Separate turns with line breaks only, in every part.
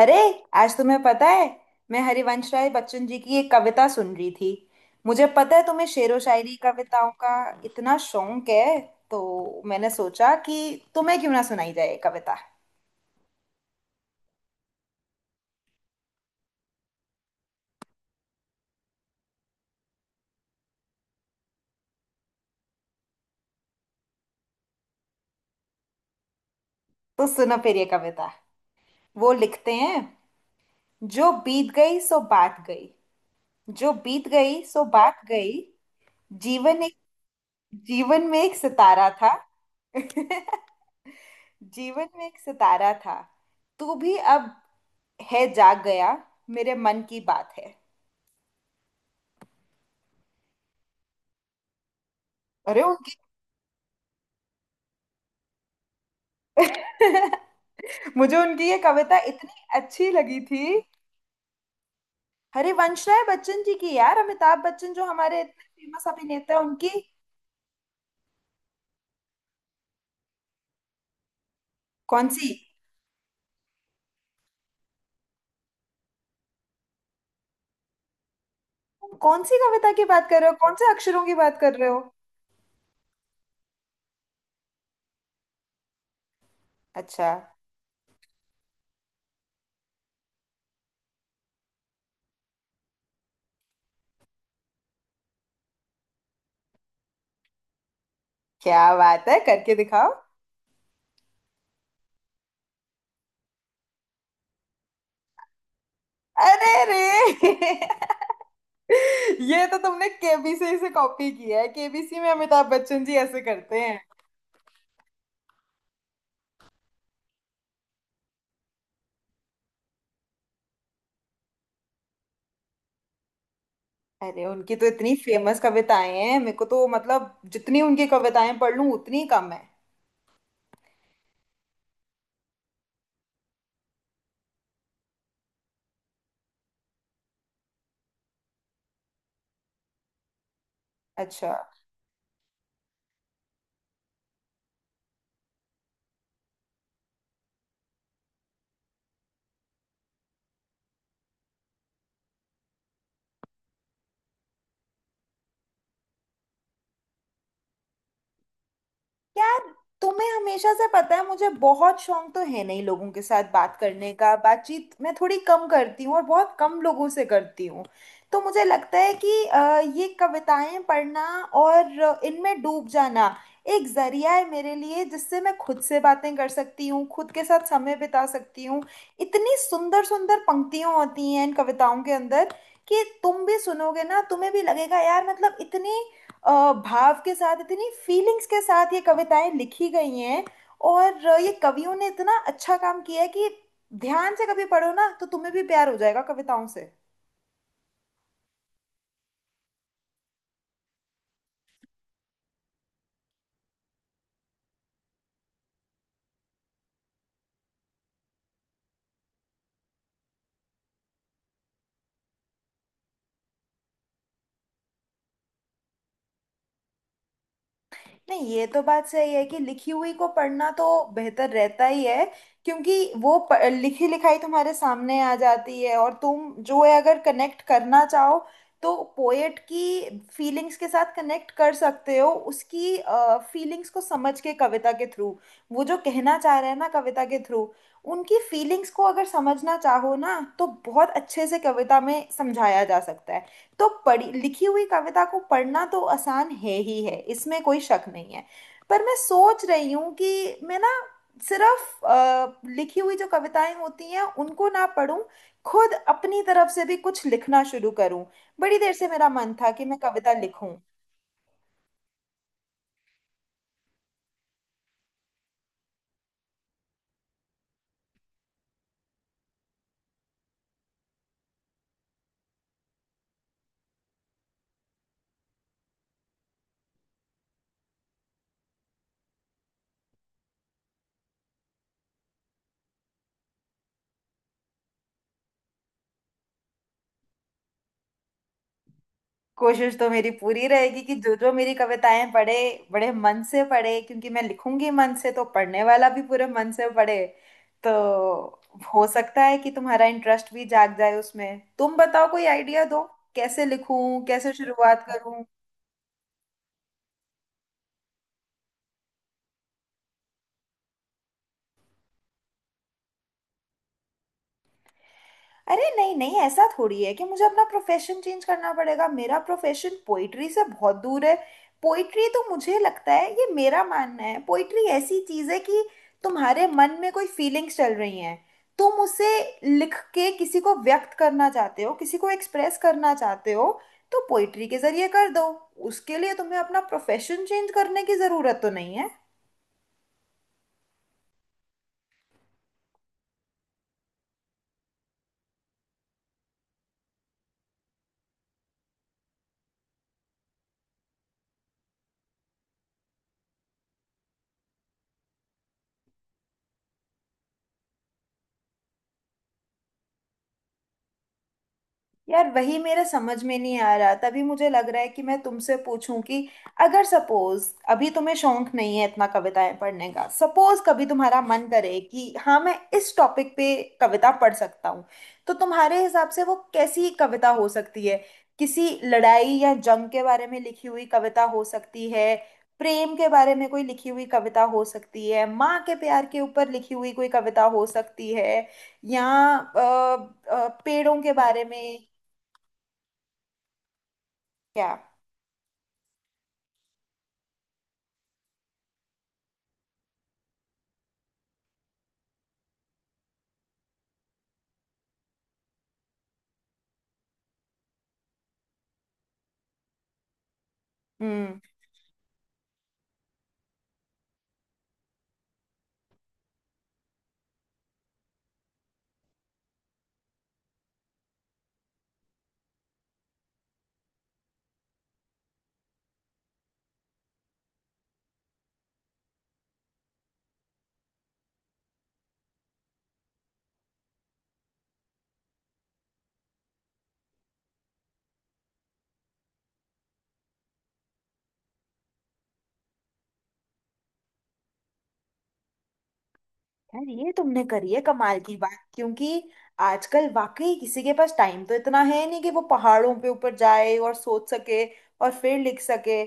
अरे, आज तुम्हें पता है, मैं हरिवंश राय बच्चन जी की एक कविता सुन रही थी। मुझे पता है तुम्हें शेरो शायरी कविताओं का इतना शौक है, तो मैंने सोचा कि तुम्हें क्यों ना सुनाई जाए ये कविता। तो सुनो फिर ये कविता। वो लिखते हैं, जो बीत गई सो बात गई। जो बीत गई सो बात गई। जीवन एक, जीवन में एक सितारा था। जीवन में एक सितारा था, तू भी अब है जाग गया, मेरे मन की बात है। अरे। मुझे उनकी ये कविता इतनी अच्छी लगी थी। हरिवंश राय बच्चन जी की, यार अमिताभ बच्चन जो हमारे इतने फेमस अभिनेता हैं, उनकी। कौन सी? कौन सी कविता की बात कर रहे हो, कौन से अक्षरों की बात कर रहे हो? अच्छा। क्या बात है, करके दिखाओ। अरे रे। ये तो तुमने केबीसी से कॉपी किया है, केबीसी में अमिताभ बच्चन जी ऐसे करते हैं। अरे उनकी तो इतनी फेमस कविताएं हैं, मेरे को तो मतलब जितनी उनकी कविताएं पढ़ लूं उतनी कम है। अच्छा। यार, तुम्हें हमेशा से पता है मुझे बहुत शौक तो है नहीं लोगों के साथ बात करने का, बातचीत मैं थोड़ी कम करती हूँ और बहुत कम लोगों से करती हूँ। तो मुझे लगता है कि ये कविताएं पढ़ना और इनमें डूब जाना एक जरिया है मेरे लिए, जिससे मैं खुद से बातें कर सकती हूँ, खुद के साथ समय बिता सकती हूँ। इतनी सुंदर सुंदर पंक्तियाँ होती हैं इन कविताओं के अंदर, कि तुम भी सुनोगे ना तुम्हें भी लगेगा यार, मतलब इतनी भाव के साथ, इतनी फीलिंग्स के साथ ये कविताएं लिखी गई हैं। और ये कवियों ने इतना अच्छा काम किया है कि ध्यान से कभी पढ़ो ना तो तुम्हें भी प्यार हो जाएगा कविताओं से। नहीं, ये तो बात सही है कि लिखी हुई को पढ़ना तो बेहतर रहता ही है, क्योंकि वो लिखी लिखाई तुम्हारे सामने आ जाती है, और तुम जो है अगर कनेक्ट करना चाहो तो पोएट की फीलिंग्स के साथ कनेक्ट कर सकते हो, उसकी फीलिंग्स को समझ के कविता के थ्रू। वो जो कहना चाह रहे हैं ना कविता के थ्रू, उनकी फीलिंग्स को अगर समझना चाहो ना तो बहुत अच्छे से कविता में समझाया जा सकता है। तो पढ़ी लिखी हुई कविता को पढ़ना तो आसान है ही है, इसमें कोई शक नहीं है। पर मैं सोच रही हूँ कि मैं ना सिर्फ लिखी हुई जो कविताएं होती हैं उनको ना पढूं, खुद अपनी तरफ से भी कुछ लिखना शुरू करूं। बड़ी देर से मेरा मन था कि मैं कविता लिखूं। कोशिश तो मेरी पूरी रहेगी कि जो जो मेरी कविताएं पढ़े, बड़े मन से पढ़े, क्योंकि मैं लिखूंगी मन से तो पढ़ने वाला भी पूरे मन से पढ़े। तो हो सकता है कि तुम्हारा इंटरेस्ट भी जाग जाए उसमें। तुम बताओ कोई आइडिया दो, कैसे लिखूं, कैसे शुरुआत करूं। अरे नहीं नहीं, ऐसा थोड़ी है कि मुझे अपना प्रोफेशन चेंज करना पड़ेगा। मेरा प्रोफेशन पोइट्री से बहुत दूर है। पोइट्री तो मुझे लगता है, ये मेरा मानना है, पोइट्री ऐसी चीज़ है कि तुम्हारे मन में कोई फीलिंग्स चल रही हैं, तुम उसे लिख के किसी को व्यक्त करना चाहते हो, किसी को एक्सप्रेस करना चाहते हो, तो पोइट्री के जरिए कर दो। उसके लिए तुम्हें अपना प्रोफेशन चेंज करने की ज़रूरत तो नहीं है। यार वही मेरा समझ में नहीं आ रहा, तभी मुझे लग रहा है कि मैं तुमसे पूछूं कि अगर सपोज, अभी तुम्हें शौक नहीं है इतना कविताएं पढ़ने का, सपोज कभी तुम्हारा मन करे कि हाँ मैं इस टॉपिक पे कविता पढ़ सकता हूँ, तो तुम्हारे हिसाब से वो कैसी कविता हो सकती है? किसी लड़ाई या जंग के बारे में लिखी हुई कविता हो सकती है, प्रेम के बारे में कोई लिखी हुई कविता हो सकती है, माँ के प्यार के ऊपर लिखी हुई कोई कविता हो सकती है, या अ, पेड़ों के बारे में। क्या? हम्म। यार ये तुमने करी है कमाल की बात, क्योंकि आजकल वाकई किसी के पास टाइम तो इतना है नहीं कि वो पहाड़ों पे ऊपर जाए और सोच सके और फिर लिख सके।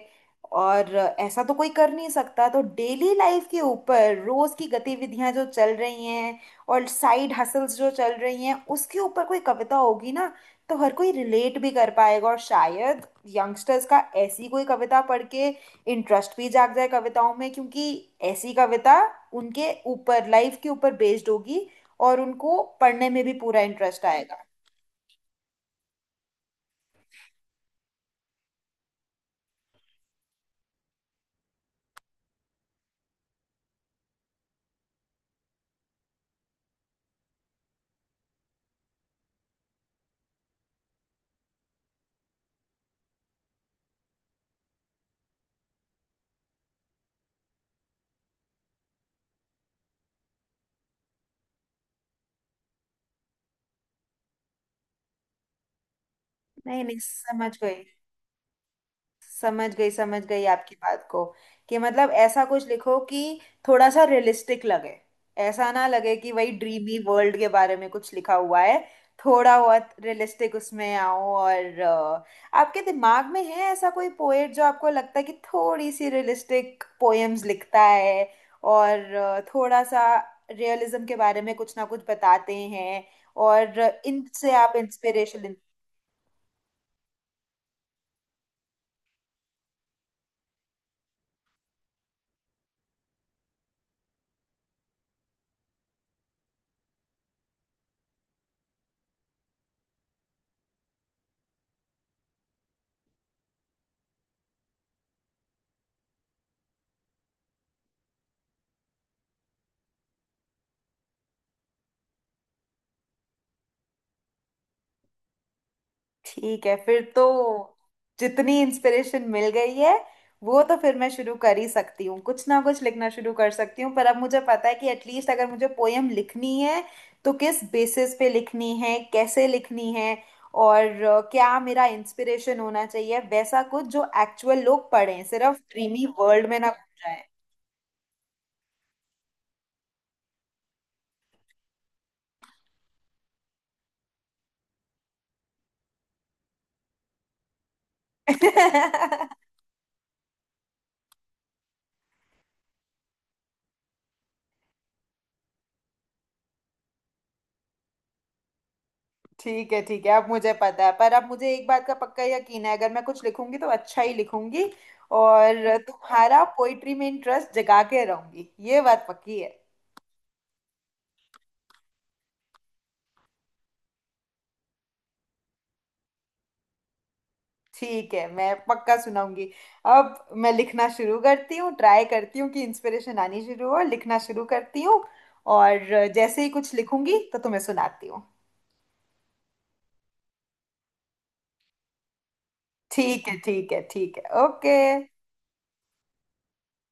और ऐसा तो कोई कर नहीं सकता, तो डेली लाइफ के ऊपर, रोज की गतिविधियां जो चल रही हैं और साइड हसल्स जो चल रही हैं उसके ऊपर कोई कविता होगी ना, तो हर कोई रिलेट भी कर पाएगा। और शायद यंगस्टर्स का ऐसी कोई कविता पढ़ के इंटरेस्ट भी जाग जाए कविताओं में, क्योंकि ऐसी कविता उनके ऊपर, लाइफ के ऊपर बेस्ड होगी, और उनको पढ़ने में भी पूरा इंटरेस्ट आएगा। नहीं नहीं, समझ गई, समझ गई आपकी बात को। कि मतलब ऐसा कुछ लिखो कि थोड़ा सा रियलिस्टिक लगे, ऐसा ना लगे कि वही ड्रीमी वर्ल्ड के बारे में कुछ लिखा हुआ है। थोड़ा बहुत रियलिस्टिक उसमें आओ। और आपके दिमाग में है ऐसा कोई पोएट जो आपको लगता है कि थोड़ी सी रियलिस्टिक पोएम्स लिखता है और थोड़ा सा रियलिज्म के बारे में कुछ ना कुछ बताते हैं, और इनसे आप इंस्पिरेशन। ठीक है, फिर तो जितनी इंस्पिरेशन मिल गई है, वो तो फिर मैं शुरू कर ही सकती हूँ, कुछ ना कुछ लिखना शुरू कर सकती हूँ। पर अब मुझे पता है कि एटलीस्ट अगर मुझे पोयम लिखनी है तो किस बेसिस पे लिखनी है, कैसे लिखनी है, और क्या मेरा इंस्पिरेशन होना चाहिए, वैसा कुछ जो एक्चुअल लोग पढ़ें, सिर्फ ड्रीमी वर्ल्ड में ना घूम जाए। ठीक है ठीक है, अब मुझे पता है। पर अब मुझे एक बात का पक्का यकीन है, अगर मैं कुछ लिखूंगी तो अच्छा ही लिखूंगी, और तुम्हारा पोइट्री में इंटरेस्ट जगा के रहूंगी, ये बात पक्की है। ठीक है, मैं पक्का सुनाऊंगी। अब मैं लिखना शुरू करती हूँ, ट्राई करती हूँ कि इंस्पिरेशन आनी शुरू हो, लिखना शुरू करती हूँ, और जैसे ही कुछ लिखूंगी तो तुम्हें सुनाती हूँ। ठीक है ठीक है ठीक है, ओके।